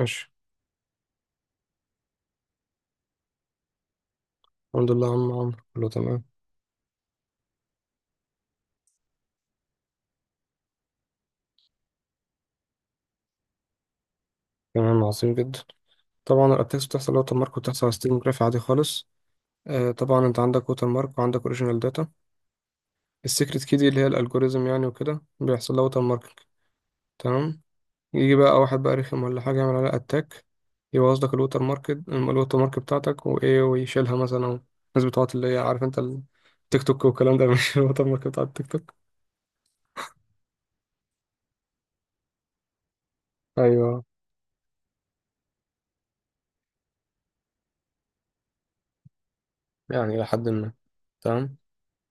ماشي. الحمد لله يا عم عمرو، كله تمام. تمام، عظيم جدا. طبعا الاتاكس بتحصل ووتر مارك وبتحصل على ستريم جراف عادي خالص. آه طبعا انت عندك ووتر مارك وعندك اوريجينال داتا، السيكريت كي دي اللي هي الالجوريزم يعني، وكده بيحصل لها ووتر ماركينج. تمام. يجي بقى واحد بقى رخم ولا حاجه يعمل عليها اتاك، يبوظ لك الووتر مارك بتاعتك وايه ويشيلها مثلا أو الناس بتوعت اللي هي عارف انت التيك توك والكلام ده مش الووتر مارك بتاع التيك توك. ايوه، يعني إلى حد ما. تمام.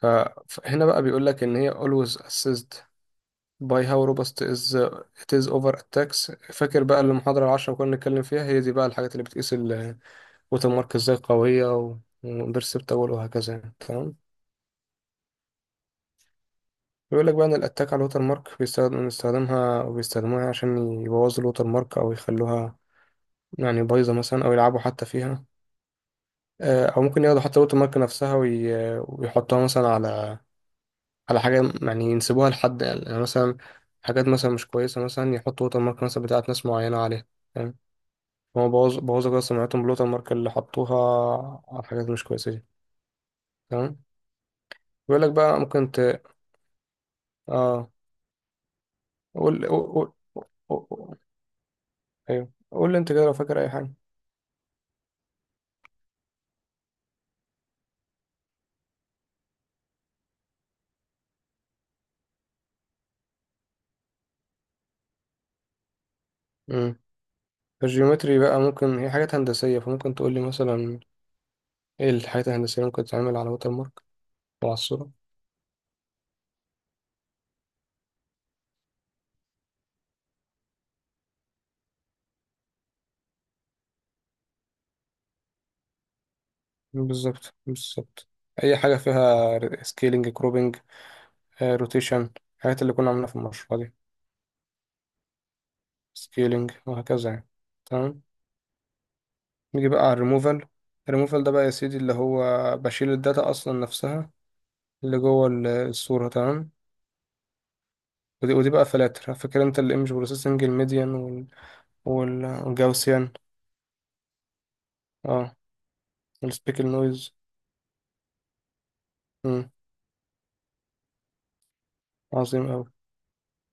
ف- فهنا بقى بيقول لك ان هي always assist by how robust is it is over attacks. فاكر بقى المحاضرة العشرة اللي كنا بنتكلم فيها؟ هي دي بقى الحاجات اللي بتقيس الوتر مارك ازاي قوية وبيرسبتبل وهكذا يعني. تمام. بيقول لك بقى ان الاتاك على الوتر مارك بيستخدم بنستخدمها وبيستخدموها عشان يبوظوا الوتر مارك او يخلوها يعني بايظة مثلا، او يلعبوا حتى فيها. او ممكن ياخدوا حتى الوتر مارك نفسها ويحطوها مثلا على على حاجة، يعني ينسبوها لحد، يعني يعني مثلا حاجات مثلا مش كويسة، مثلا يحطوا ووتر مارك مثلا بتاعت ناس معينة عليها. هو بوظ كده سمعتهم بالوتر مارك اللي حطوها على حاجات مش كويسة دي. تمام. بيقول لك بقى ممكن ت، اه، قول قول قول قول ايوه قول لي انت كده لو فاكر اي حاجة. امم الجيومتري بقى ممكن هي حاجات هندسية، فممكن تقول لي مثلا ايه الحاجات الهندسية اللي ممكن تتعمل على ووتر مارك او على الصورة؟ بالظبط، بالظبط. اي حاجة فيها سكيلينج، كروبنج، روتيشن، الحاجات اللي كنا عاملينها في المشروع دي، سكيلينج وهكذا يعني. تمام. نيجي بقى على الريموفال. الريموفال ده بقى يا سيدي اللي هو بشيل الداتا اصلا نفسها اللي جوه الصورة. تمام. ودي بقى فلاتر، فاكر انت الايمج بروسيسنج، الميديان وال... وال... والجاوسيان اه، والسبيكل نويز. مم. عظيم اوي.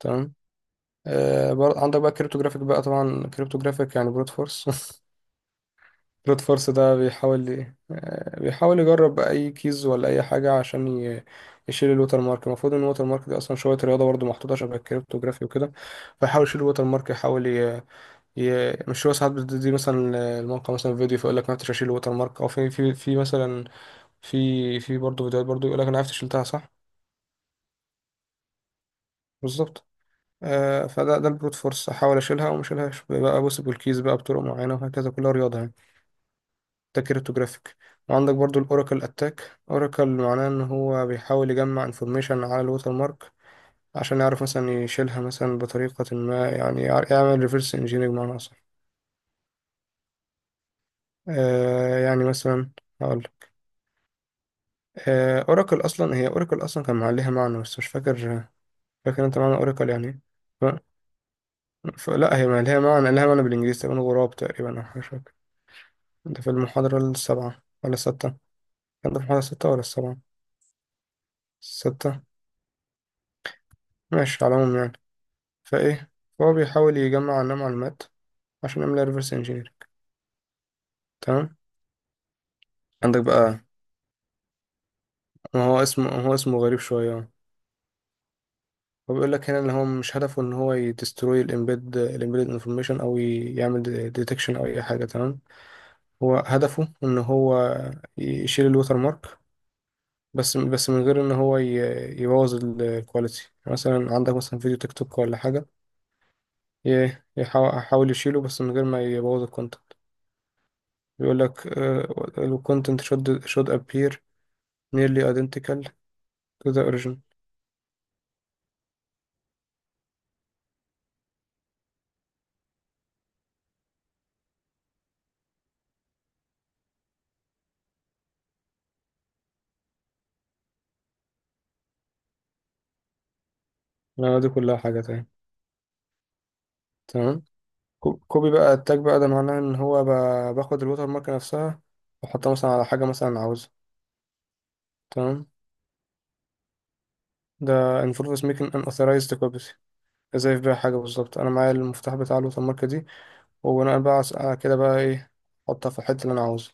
تمام. آه برضه عندك بقى كريبتوجرافيك، بقى طبعا كريبتوجرافيك يعني بروت فورس رود فورس. ده بيحاول بيحاول يجرب اي كيز ولا اي حاجه عشان يشيل الوتر مارك. المفروض ان الوتر مارك دي اصلا شويه رياضه برضو، محطوطه شبه الكريبتوجرافي وكده، فيحاول يشيل الوتر مارك، يحاول مش هو ساعات بتدي مثلا الموقع مثلا فيديو فيقول لك ما عرفتش اشيل الوتر مارك، او في مثلا في برضو فيديوهات برضو يقول لك انا عرفت شلتها صح. بالظبط. آه فده البروت فورس، احاول اشيلها وما اشيلهاش بقى بوسب الكيز بقى بطرق معينه وهكذا، كلها رياضه يعني. ده كريبتوجرافيك. وعندك برضو الاوراكل اتاك. اوراكل معناه ان هو بيحاول يجمع انفورميشن على الوتر مارك عشان يعرف مثلا يشيلها مثلا بطريقة ما، يعني يعمل ريفرس انجينيرنج بمعنى اصح. آه يعني مثلا، هقول، آه اوراكل اصلا هي، اوراكل اصلا كان عليها معنى بس مش فاكر. فاكر انت معنى اوراكل يعني ايه؟ ف- لا هي ما لها معنى، لها معنى بالانجليزي تقريبا، غراب تقريبا او حاجة شبه كده. ده في المحاضرة السابعة ولا الستة؟ كان ده في المحاضرة الستة ولا السابعة؟ الستة. ماشي، على العموم يعني. فايه، فهو بيحاول يجمع عنها معلومات عشان يعمل ريفرس انجينير. تمام. عندك بقى، ما هو اسمه، هو اسمه غريب شويه أهو. هو بيقول لك هنا ان هو مش هدفه ان هو يدستروي الامبيد انفورميشن او يعمل ديتكشن او اي حاجه. تمام. هو هدفه ان هو يشيل الوتر مارك بس من غير ان هو يبوظ الكواليتي. مثلا عندك مثلا فيديو تيك توك ولا حاجه، يحاول يشيله بس من غير ما يبوظ الكونتنت. بيقول لك الكونتنت should appear nearly identical to the origin. لا دي كلها حاجة تاني. تمام. كوبي بقى التاج، بقى ده معناه ان هو بقى باخد الوتر مارك نفسها واحطها مثلا على حاجة مثلا عاوزها. تمام. ده involves making an authorized copy. ازاي في بيها حاجة؟ بالظبط، انا معايا المفتاح بتاع الوتر مارك دي، وبناء بقى على على كده بقى ايه، احطها في الحتة اللي انا عاوزها.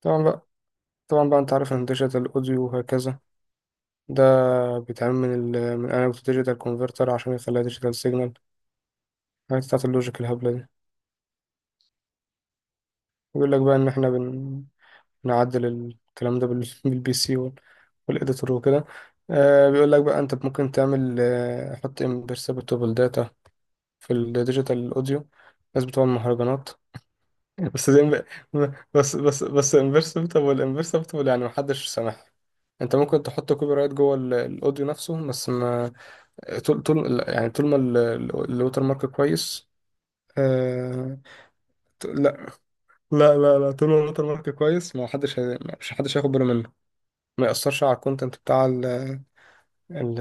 طبعا بقى طبعا بقى انت عارف ان ديجيتال اوديو وهكذا، ده بيتعمل من ال من انالوج ديجيتال كونفرتر عشان يخليها ديجيتال سيجنال، الحاجات بتاعت اللوجيك الهبلة دي. بيقول لك بقى ان احنا بن، نعدل الكلام ده بالبي سي والإديتور وكده. آه بيقول لك بقى أنت ممكن تعمل، حط imperceptible data في الديجيتال أوديو. الناس بتوع المهرجانات بس زي بس imperceptible, imperceptible يعني محدش سامعها. انت ممكن تحط كوبي رايت جوه الاوديو نفسه بس ما، طول يعني طول ما الوتر مارك كويس. آه... لا، لا طول ما الوتر مارك كويس ما حدش مش حدش هياخد باله منه، ما يأثرش على الكونتنت بتاع ال. ال،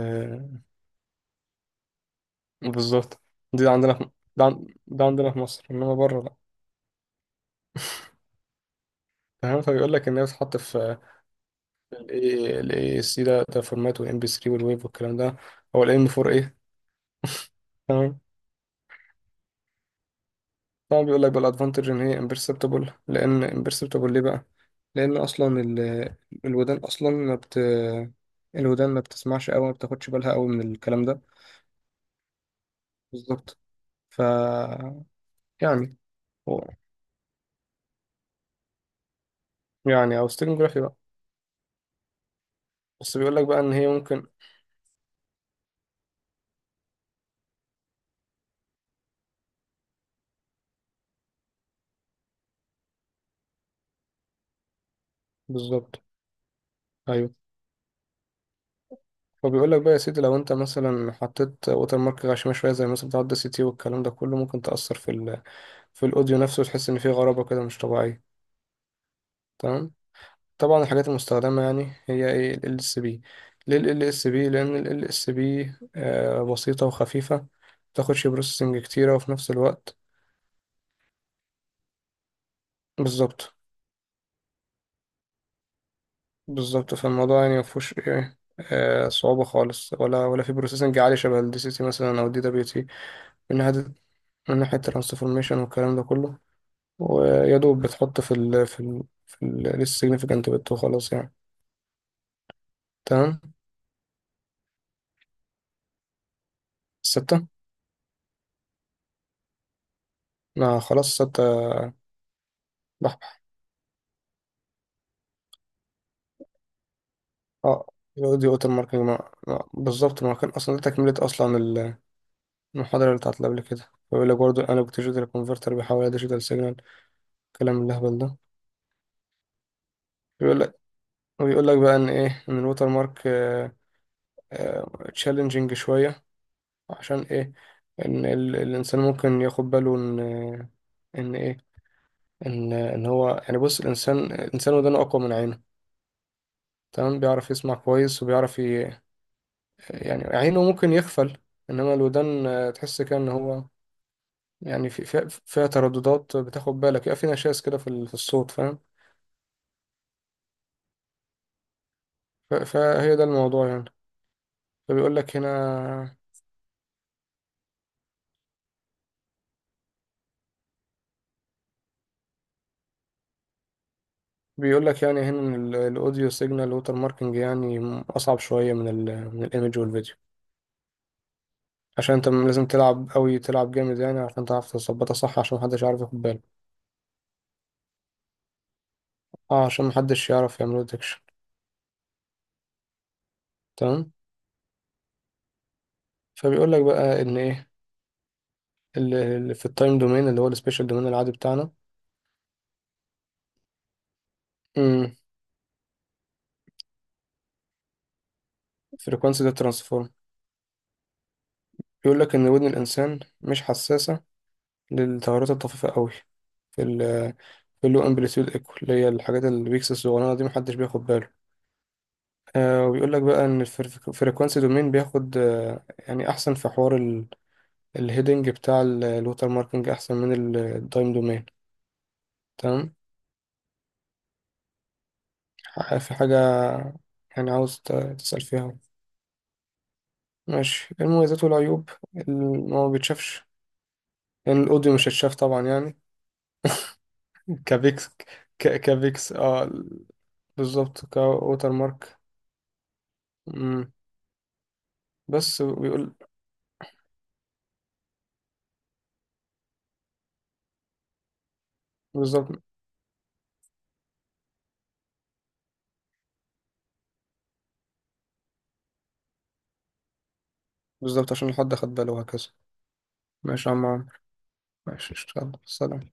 بالظبط. دي عندنا في، ده عندنا في مصر انما بره لا. فاهم؟ فبيقول لك ان هي بتتحط في ال اي سي، ده فورمات والام بي 3 والويف والكلام ده، او الام 4 ايه تمام. طبعا بيقول لك بقى الادفانتج ان هي امبرسبتبل، لان امبرسبتبل ليه بقى؟ لان اصلا ال... الودان اصلا ما بت، الودان ما بتسمعش قوي، ما بتاخدش بالها قوي من الكلام ده. بالظبط. ف، يعني، هو- يعني او ستيرنوجرافي. بس بيقول لك بقى ان هي ممكن، بالظبط. ايوه. فبيقول لك بقى يا سيدي لو انت مثلا حطيت ووتر مارك غشيمه شويه زي مثلا بتاع الدي سي تي والكلام ده كله، ممكن تاثر في ال... في الاوديو نفسه وتحس ان فيه غرابه كده مش طبيعيه. تمام. طبعا الحاجات المستخدمه يعني هي ايه، ال اس بي. ليه ال اس بي؟ لان ال اس بي بسيطه وخفيفه، ما بتاخدش بروسيسنج كتيره وفي نفس الوقت، بالظبط. بالظبط، فالموضوع يعني ما فيهوش ايه، صعوبه خالص ولا في بروسيسنج عالي شبه الدي سي تي مثلا او الدي دبليو تي، من ناحية، من ناحية الترانسفورميشن والكلام ده كله. ويا دوب بتحط في ال significant bit وخلاص يعني. تمام. ستة. ما خلاص ستة، بحبح. اه. يبقى دي اوتر ماركينج ما. ما. بالظبط ما كان اصلا ده تكملة اصلا المحاضرة اللي بتاعت اللي قبل كده. بيقول لك برضه الانالوج ديجيتال كونفرتر بيحول ديجيتال سيجنال، الكلام اللهبل ده. بيقول لك، وبيقول لك بقى ان ايه، ان الوتر مارك تشالنجينج شوية. عشان ايه؟ ان ال... الانسان ممكن ياخد باله ان، ان ايه، ان هو يعني، بص الانسان، الانسان ودانه اقوى من عينه. تمام، بيعرف يسمع كويس وبيعرف يعني عينه ممكن يغفل انما الودان، تحس كده ان هو يعني، فيها ترددات بتاخد بالك، يبقى في نشاز كده في في الصوت. فاهم؟ فهي ده الموضوع يعني. فبيقول لك هنا، بيقول لك يعني هنا ان الاوديو سيجنال ووتر ماركينج يعني اصعب شويه من ال من الايمج والفيديو، عشان انت لازم تلعب قوي، تلعب جامد يعني عشان تعرف تظبطها صح، عشان محدش يعرف ياخد باله. اه، عشان محدش يعرف يعمل ديتكشن. تمام. فبيقول لك بقى ان ايه، اللي في التايم دومين اللي هو السبيشال دومين العادي بتاعنا. امم فريكوانسي ده ترانسفورم. بيقول لك ان ودن الانسان مش حساسه للتغيرات الطفيفه قوي في ال في اللو امبليتيود ايكو، اللي هي الحاجات البيكس الصغيرة دي محدش بياخد باله. آه وبيقول لك بقى ان الفريكوانسي دومين بياخد، يعني احسن في حوار الهيدنج بتاع الوتر ماركينج احسن من التايم دومين. تمام. في حاجه يعني عاوز تسأل فيها؟ ماشي، إيه المميزات والعيوب؟ إن هو ما بيتشافش، لأن الأوديو مش هيتشاف طبعا يعني. كبيكس، كبيكس، اه ال، بالظبط كووتر مارك. مم. بس بيقول، بالظبط، بالظبط عشان حد خد باله وهكذا. ماشي يا عم عمرو. ماشي اشتغل، سلام.